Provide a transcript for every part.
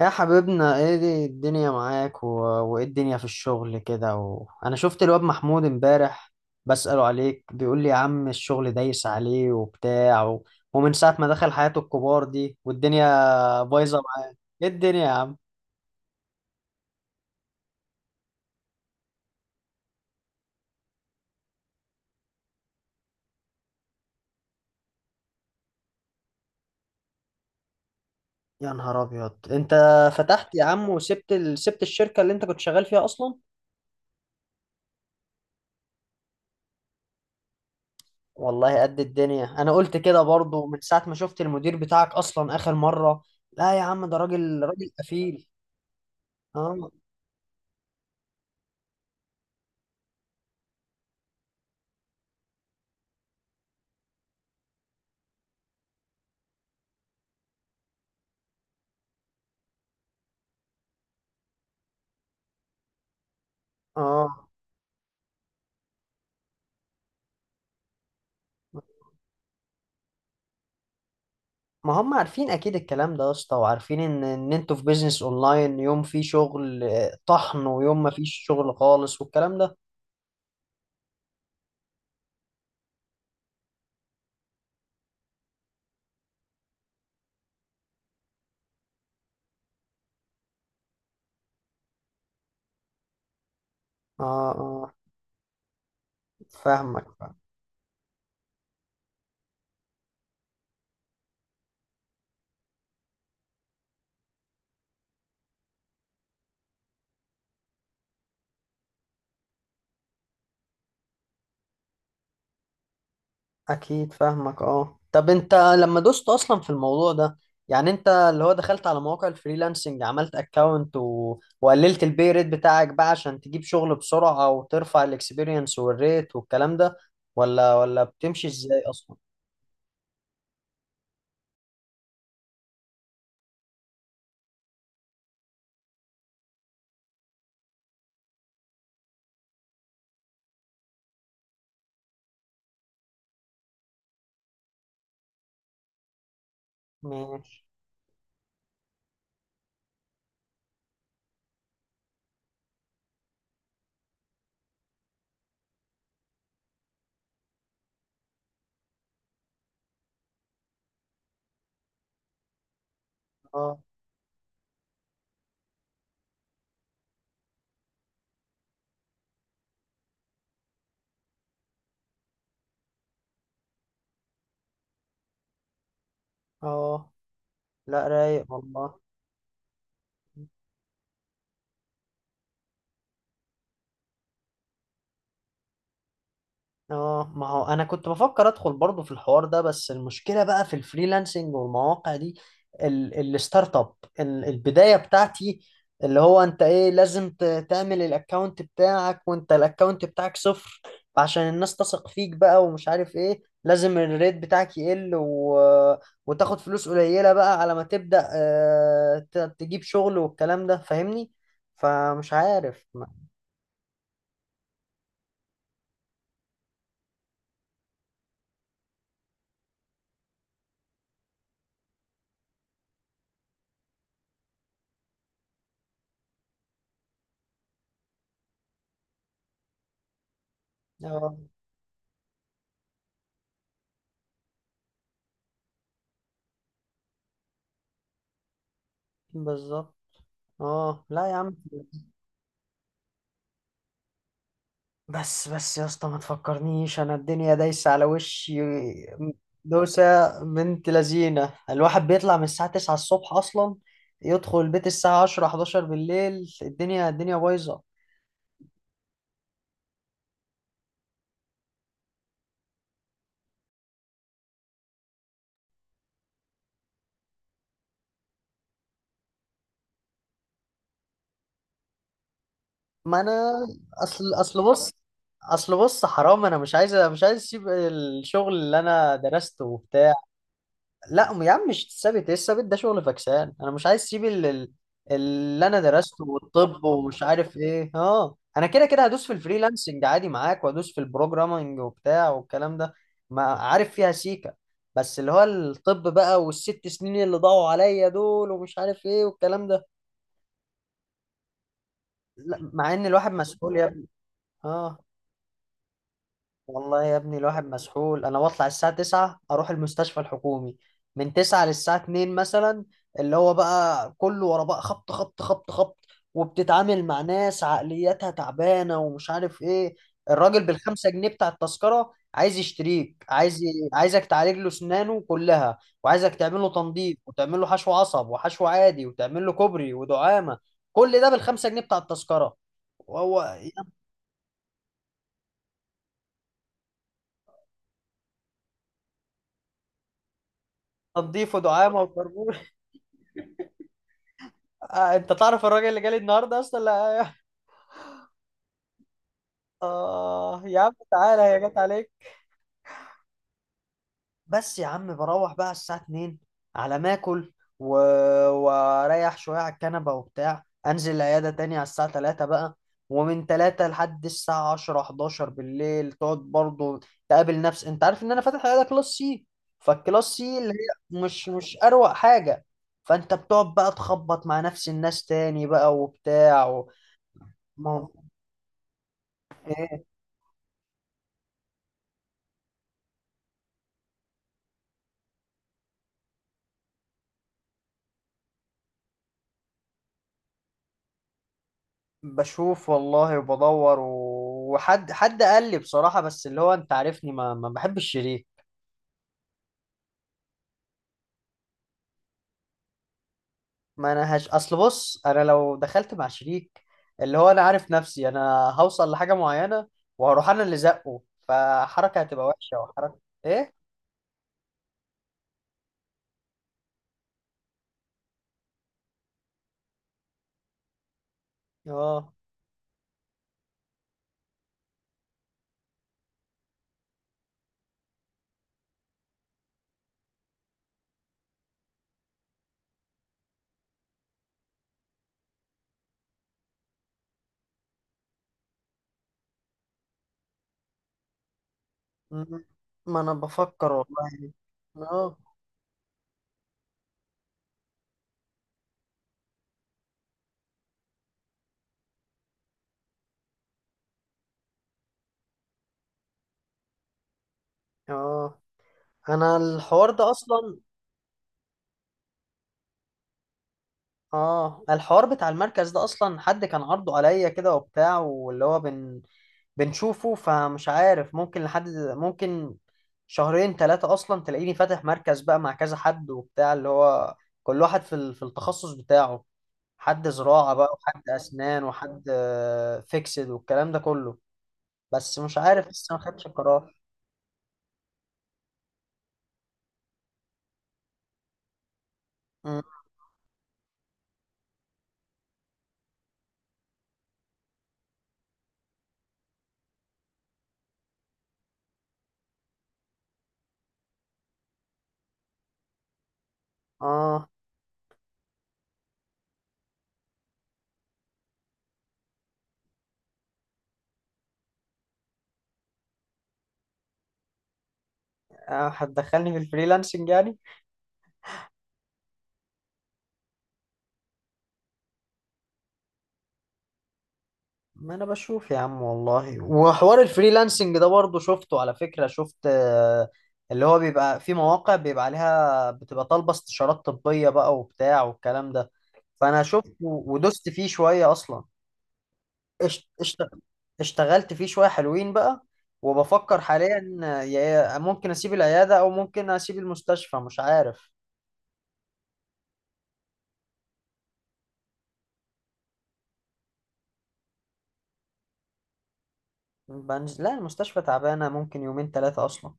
يا حبيبنا، ايه دي الدنيا معاك وايه الدنيا في الشغل كده انا شفت الواد محمود امبارح بسأله عليك، بيقول لي يا عم الشغل دايس عليه وبتاع ومن ساعة ما دخل حياة الكبار دي والدنيا بايظة معاه. ايه الدنيا يا عم؟ يا نهار ابيض، انت فتحت يا عم وسبت سبت الشركة اللي انت كنت شغال فيها اصلا؟ والله قد الدنيا، انا قلت كده برضو من ساعة ما شفت المدير بتاعك اصلا اخر مرة. لا يا عم، ده راجل راجل قفيل. اه، اه. ما هم عارفين اكيد الكلام ده يا اسطى، وعارفين ان انتوا في بيزنس اونلاين، يوم فيه شغل آه، طحن، ويوم ما فيش شغل خالص والكلام ده. اه، اه فاهمك فاهم. اكيد فاهمك. اه، طب انت لما دوست اصلا في الموضوع ده، يعني انت اللي هو دخلت على مواقع الفريلانسنج، عملت اكونت وقللت البي ريت بتاعك بقى عشان تجيب شغل بسرعة، وترفع الاكسبيرينس والريت والكلام ده، ولا بتمشي ازاي اصلا؟ ماشي. اه، اه، لا رايق والله. اه، ما هو انا كنت بفكر ادخل برضو في الحوار ده، بس المشكله بقى في الفريلانسنج والمواقع دي. الستارت اب، البدايه بتاعتي، اللي هو انت ايه، لازم تعمل الاكونت بتاعك، وانت الاكونت بتاعك صفر عشان الناس تثق فيك بقى، ومش عارف ايه لازم الريت بتاعك يقل وتاخد فلوس قليله بقى على ما تبدا آه، تجيب شغل والكلام ده، فاهمني؟ فمش عارف اه بالظبط. اه، لا يا عم، بس بس يا اسطى ما تفكرنيش، انا الدنيا دايسه على وشي دوسه. بنت لذينه، الواحد بيطلع من الساعه 9 الصبح اصلا، يدخل البيت الساعه 10 11 بالليل. الدنيا الدنيا بايظه. ما انا اصل اصل بص اصل بص حرام، انا مش عايز اسيب الشغل اللي انا درسته وبتاع. لا يا عم، مش الثابت، ايه الثابت ده؟ شغل فكسان، انا مش عايز اسيب اللي انا درسته والطب ومش عارف ايه. اه انا كده كده هدوس في الفريلانسنج عادي معاك، وهدوس في البروجرامنج وبتاع والكلام ده. ما عارف فيها سيكا، بس اللي هو الطب بقى والست سنين اللي ضاعوا عليا دول، ومش عارف ايه والكلام ده. لا مع ان الواحد مسؤول يا ابني. اه والله يا ابني، الواحد مسحول، انا بطلع الساعة 9 اروح المستشفى الحكومي، من 9 للساعة 2 مثلا، اللي هو بقى كله ورا بقى، خبط خبط خبط خبط، وبتتعامل مع ناس عقلياتها تعبانة ومش عارف ايه. الراجل بالخمسة جنيه بتاع التذكرة عايز يشتريك، عايز عايزك تعالج له سنانه كلها، وعايزك تعمل له تنظيف، وتعمل له حشو عصب وحشو عادي، وتعمل له كوبري ودعامة. كل ده بالخمسة جنيه بتاع التذكرة. وهو تنظيف ودعامة وكربون. آه، انت تعرف الراجل اللي جالي النهارده اصلا؟ لا، اه يا عم تعالى هي جت عليك. بس يا عم بروح بقى الساعه 2، على ما اكل و... واريح شويه على الكنبه وبتاع، انزل العياده تاني على الساعه 3 بقى، ومن 3 لحد الساعه 10 11 بالليل تقعد برضه، تقابل نفس، انت عارف ان انا فاتح عياده كلاس سي، فالكلاس سي اللي هي مش اروق حاجه، فانت بتقعد بقى تخبط مع نفس الناس تاني بقى وبتاع ما هو- إيه؟ بشوف والله وبدور وحد حد قال لي بصراحة، بس اللي هو انت عارفني ما بحبش الشريك. ما انا هش، اصل بص، انا لو دخلت مع شريك اللي هو انا عارف نفسي انا هوصل لحاجة معينة، وهروح انا اللي زقه، فحركة هتبقى وحشة وحركة. ايه؟ اه م- ما انا بفكر والله. اه، اه، انا الحوار ده اصلا. اه، الحوار بتاع المركز ده اصلا حد كان عرضه عليا كده وبتاع، واللي هو بنشوفه، فمش عارف ممكن لحد ممكن شهرين ثلاثة اصلا تلاقيني فاتح مركز بقى مع كذا حد وبتاع، اللي هو كل واحد في في التخصص بتاعه، حد زراعة بقى، وحد اسنان، وحد فيكسد والكلام ده كله. بس مش عارف لسه ما خدتش القرار. مم. اه آه، هتدخلني في الفريلانسنج يعني؟ ما انا بشوف يا عم والله، وحوار الفريلانسنج ده برضه شفته على فكرة، شفت آه، اللي هو بيبقى في مواقع بيبقى عليها بتبقى طالبة استشارات طبية بقى وبتاع والكلام ده، فانا شفته ودست فيه شوية اصلا. اشت- اشت- اشتغلت فيه شوية حلوين بقى، وبفكر حاليا آه، ممكن اسيب العيادة، او ممكن اسيب المستشفى، مش عارف. بنزل لا، المستشفى تعبانة، ممكن يومين ثلاثة اصلا.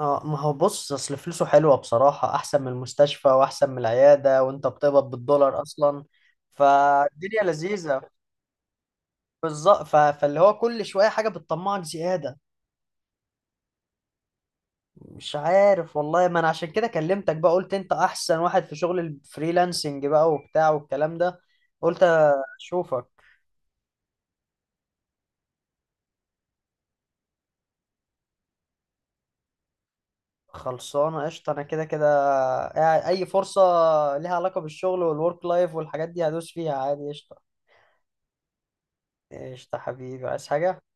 اه، ما هو بص اصل فلوسه حلوه بصراحه، احسن من المستشفى واحسن من العياده، وانت بتقبض بالدولار اصلا. فالدنيا لذيذه بالظبط. فاللي هو كل شويه حاجه بتطمعك زياده. مش عارف والله، ما انا عشان كده كلمتك بقى، قلت انت احسن واحد في شغل الفريلانسنج بقى وبتاع والكلام ده. قلت اشوفك. خلصانه قشطه، انا كده كده اي فرصه ليها علاقه بالشغل والورك لايف والحاجات دي هدوس فيها عادي، قشطه. قشطه حبيبي، عايز حاجه؟